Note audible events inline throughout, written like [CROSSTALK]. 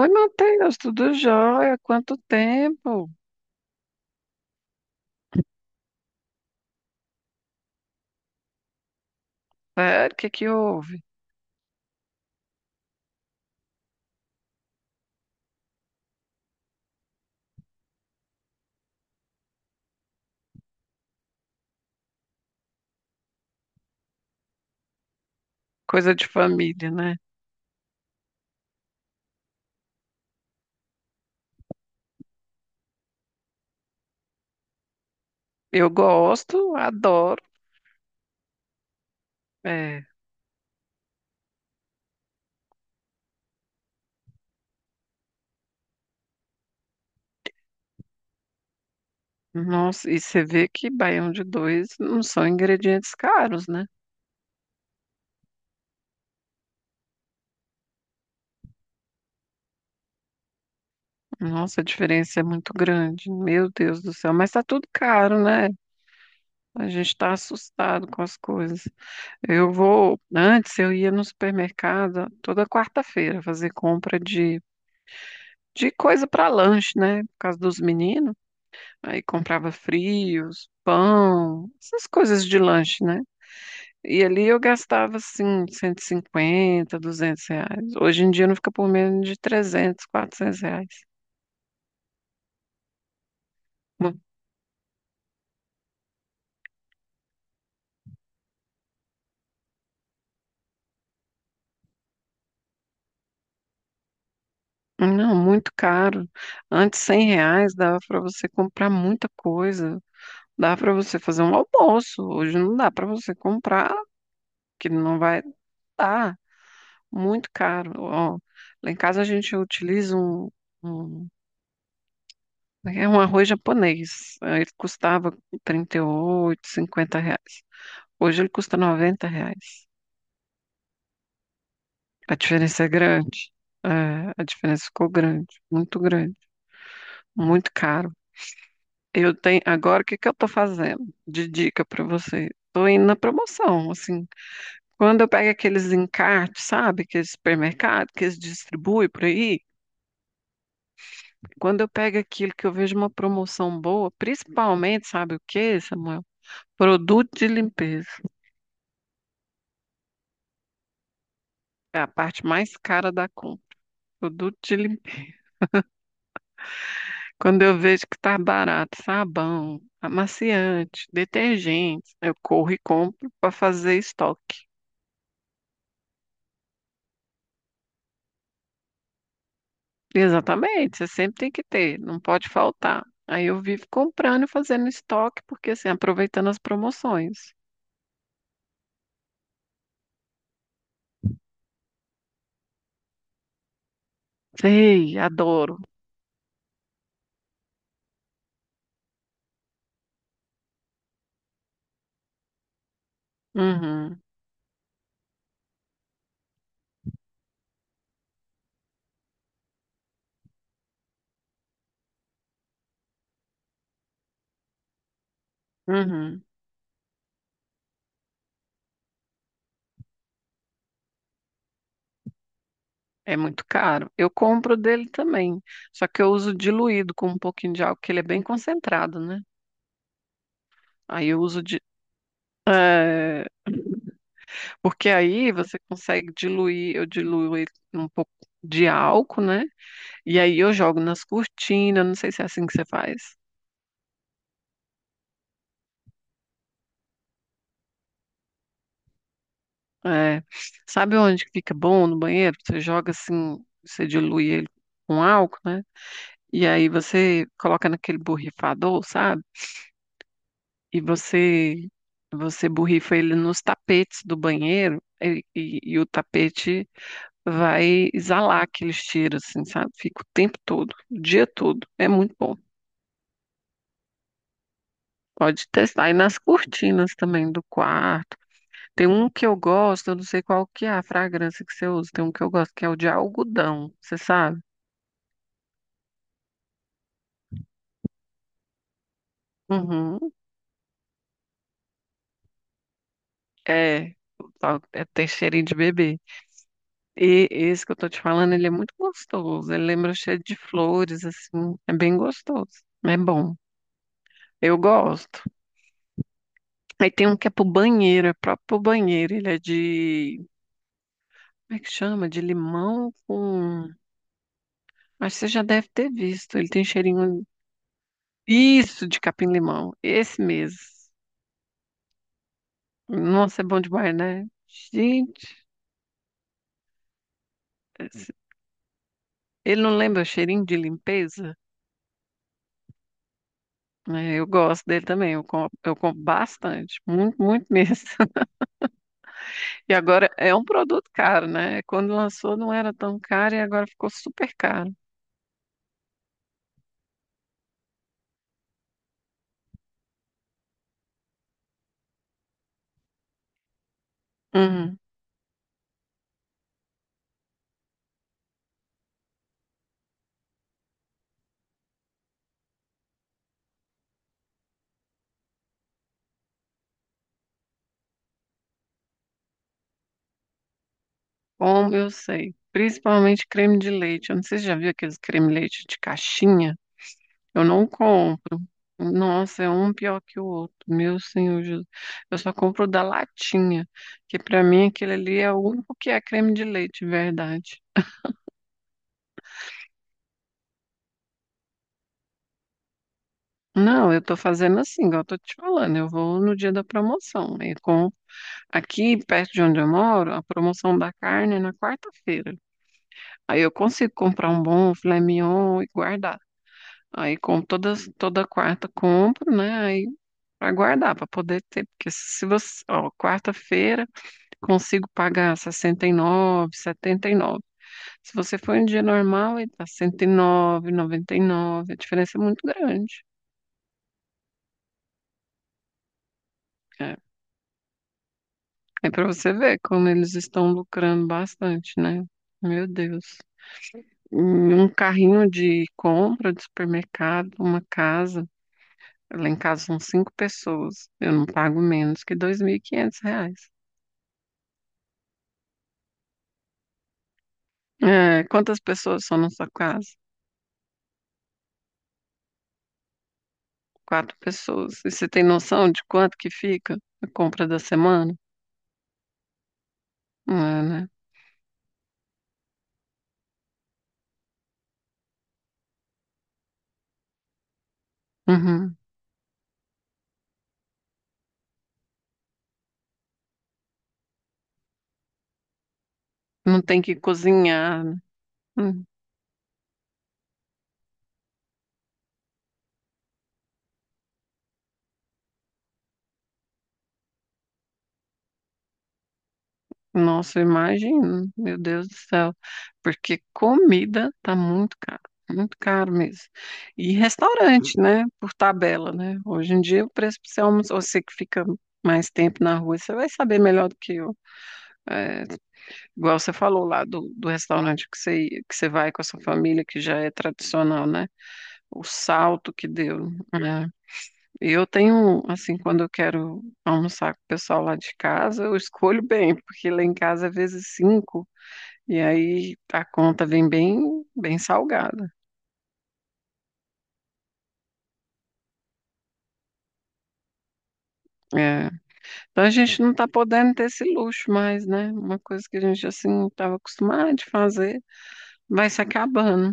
Oi, Matheus, tudo jóia? Quanto tempo? Sério, o que que houve? Coisa de família, né? Eu gosto, adoro. É, nossa, e você vê que baião de dois não são ingredientes caros, né? Nossa, a diferença é muito grande. Meu Deus do céu, mas tá tudo caro, né? A gente tá assustado com as coisas. Eu vou, antes eu ia no supermercado toda quarta-feira fazer compra de coisa para lanche, né? Por causa dos meninos. Aí comprava frios, pão, essas coisas de lanche, né? E ali eu gastava, assim, R$ 150, R$ 200. Hoje em dia não fica por menos de R$ 300, R$ 400. Mu- Não, muito caro. Antes, R$ 100 dava para você comprar muita coisa. Dava para você fazer um almoço. Hoje não dá para você comprar, que não vai dar. Muito caro. Ó, lá em casa a gente utiliza um é um arroz japonês. Aí ele custava R$ 38, R$ 50. Hoje ele custa R$ 90. A diferença é grande. É, a diferença ficou grande, muito caro. Eu tenho, agora o que que eu tô fazendo? De dica para você. Tô indo na promoção, assim. Quando eu pego aqueles encartes, sabe? Que Aqueles supermercado que eles distribuem por aí, quando eu pego aquilo que eu vejo uma promoção boa, principalmente, sabe o que, Samuel? Produto de limpeza. É a parte mais cara da compra. Produto de limpeza. Quando eu vejo que tá barato, sabão, amaciante, detergente, eu corro e compro para fazer estoque. Exatamente, você sempre tem que ter, não pode faltar. Aí eu vivo comprando e fazendo estoque, porque assim, aproveitando as promoções. Sei, adoro. Uhum, uhum. É muito caro. Eu compro dele também, só que eu uso diluído com um pouquinho de álcool, que ele é bem concentrado, né? Aí eu é, porque aí você consegue diluir, eu diluo ele um pouco de álcool, né? E aí eu jogo nas cortinas, não sei se é assim que você faz. É. Sabe onde que fica bom no banheiro? Você joga assim, você dilui ele com álcool, né? E aí você coloca naquele borrifador, sabe? E você borrifa ele nos tapetes do banheiro e o tapete vai exalar aqueles cheiros, assim, sabe? Fica o tempo todo, o dia todo. É muito bom. Pode testar. E nas cortinas também do quarto. Tem um que eu gosto, eu não sei qual que é a fragrância que você usa. Tem um que eu gosto que é o de algodão, você sabe? Uhum. É, Tem cheirinho de bebê. E esse que eu tô te falando, ele é muito gostoso. Ele lembra cheiro de flores, assim. É bem gostoso. É bom. Eu gosto. Aí tem um que é pro banheiro, é próprio pro banheiro. Ele é de. Como é que chama? De limão com. Acho que você já deve ter visto. Ele tem cheirinho. Isso, de capim-limão, esse mesmo. Nossa, é bom demais, né? Gente, esse- ele não lembra o cheirinho de limpeza? É, eu gosto dele também, eu compro bastante, muito, muito mesmo. [LAUGHS] E agora é um produto caro, né? Quando lançou não era tão caro e agora ficou super caro. Uhum. Como eu sei, principalmente creme de leite. Eu não sei se você já viu aqueles creme de leite de caixinha. Eu não compro. Nossa, é um pior que o outro. Meu Senhor Jesus. Eu só compro o da latinha, que pra mim aquele ali é o único que é creme de leite, de verdade. Não, eu tô fazendo assim, igual eu tô te falando. Eu vou no dia da promoção. Aí compro. Aqui, perto de onde eu moro, a promoção da carne é na quarta-feira. Aí eu consigo comprar um bom filé mignon e guardar. Aí com todas, toda quarta compro, né? Aí pra guardar, pra poder ter. Porque se você, ó, quarta-feira, consigo pagar 69, 79. Se você for em dia normal, aí tá 109, 99. A diferença é muito grande. É, é para você ver como eles estão lucrando bastante, né? Meu Deus. Um carrinho de compra de supermercado, uma casa. Lá em casa são cinco pessoas. Eu não pago menos que R$ 2.500. É, quantas pessoas são na sua casa? Quatro pessoas. E você tem noção de quanto que fica a compra da semana? É, né? Uhum. Não tem que cozinhar, né? Hum. Nossa, imagina, meu Deus do céu. Porque comida tá muito caro mesmo. E restaurante, né? Por tabela, né? Hoje em dia o preço pra você almoçar, você que fica mais tempo na rua, você vai saber melhor do que eu. É, igual você falou lá do, do restaurante que que você vai com a sua família, que já é tradicional, né? O salto que deu, né? E eu tenho, assim, quando eu quero almoçar com o pessoal lá de casa, eu escolho bem, [LAUGHS] porque lá em casa é vezes cinco, e aí a conta vem bem, bem salgada. É. Então a gente não está podendo ter esse luxo mais, né? Uma coisa que a gente, assim, estava acostumado de fazer, vai se acabando.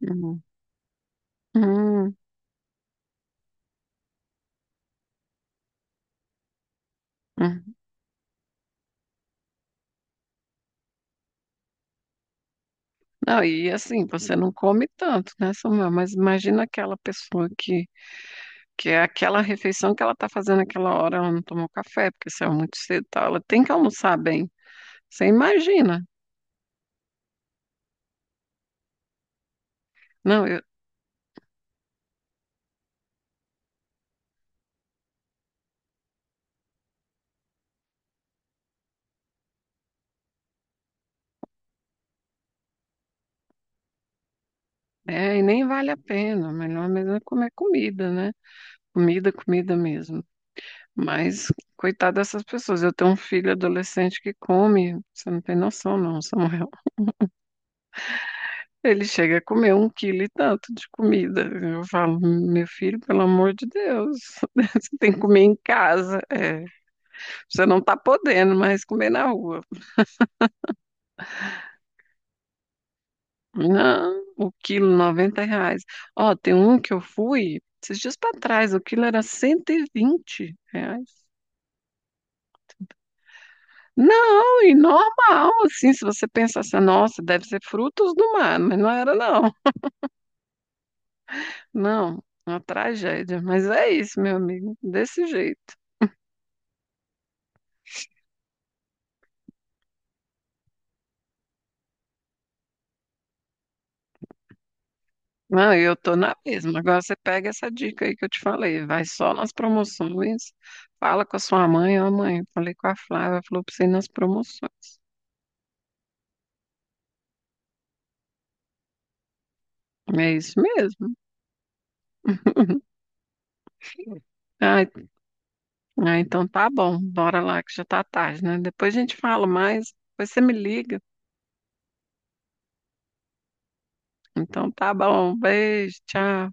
Uhum. Uhum. Uhum. Não, e assim, você não come tanto, né, Samuel? Mas imagina aquela pessoa que é aquela refeição que ela está fazendo aquela hora, ela não tomou café, porque saiu muito cedo e tal. Ela tem que almoçar bem. Você imagina. Não, eu, e nem vale a pena. Melhor mesmo é comer comida, né? Comida, comida mesmo. Mas, coitada dessas pessoas. Eu tenho um filho adolescente que come, você não tem noção, não, Samuel. [LAUGHS] Ele chega a comer um quilo e tanto de comida. Eu falo, meu filho, pelo amor de Deus, [LAUGHS] você tem que comer em casa. É, você não tá podendo mais comer na rua. Não, o quilo, R$ 90. Ó, tem um que eu fui esses dias para trás, o quilo era R$ 120. Não, e normal, assim, se você pensasse, nossa, deve ser frutos do mar, mas não era, não. Não, uma tragédia. Mas é isso, meu amigo, desse jeito. Não, e eu tô na mesma. Agora você pega essa dica aí que eu te falei, vai só nas promoções, fala com a sua mãe, ó, mãe, falei com a Flávia, falou pra você ir nas promoções. É isso mesmo. Ai, ah, então tá bom, bora lá que já tá tarde, né? Depois a gente fala mais, depois você me liga. Então tá bom, beijo, tchau.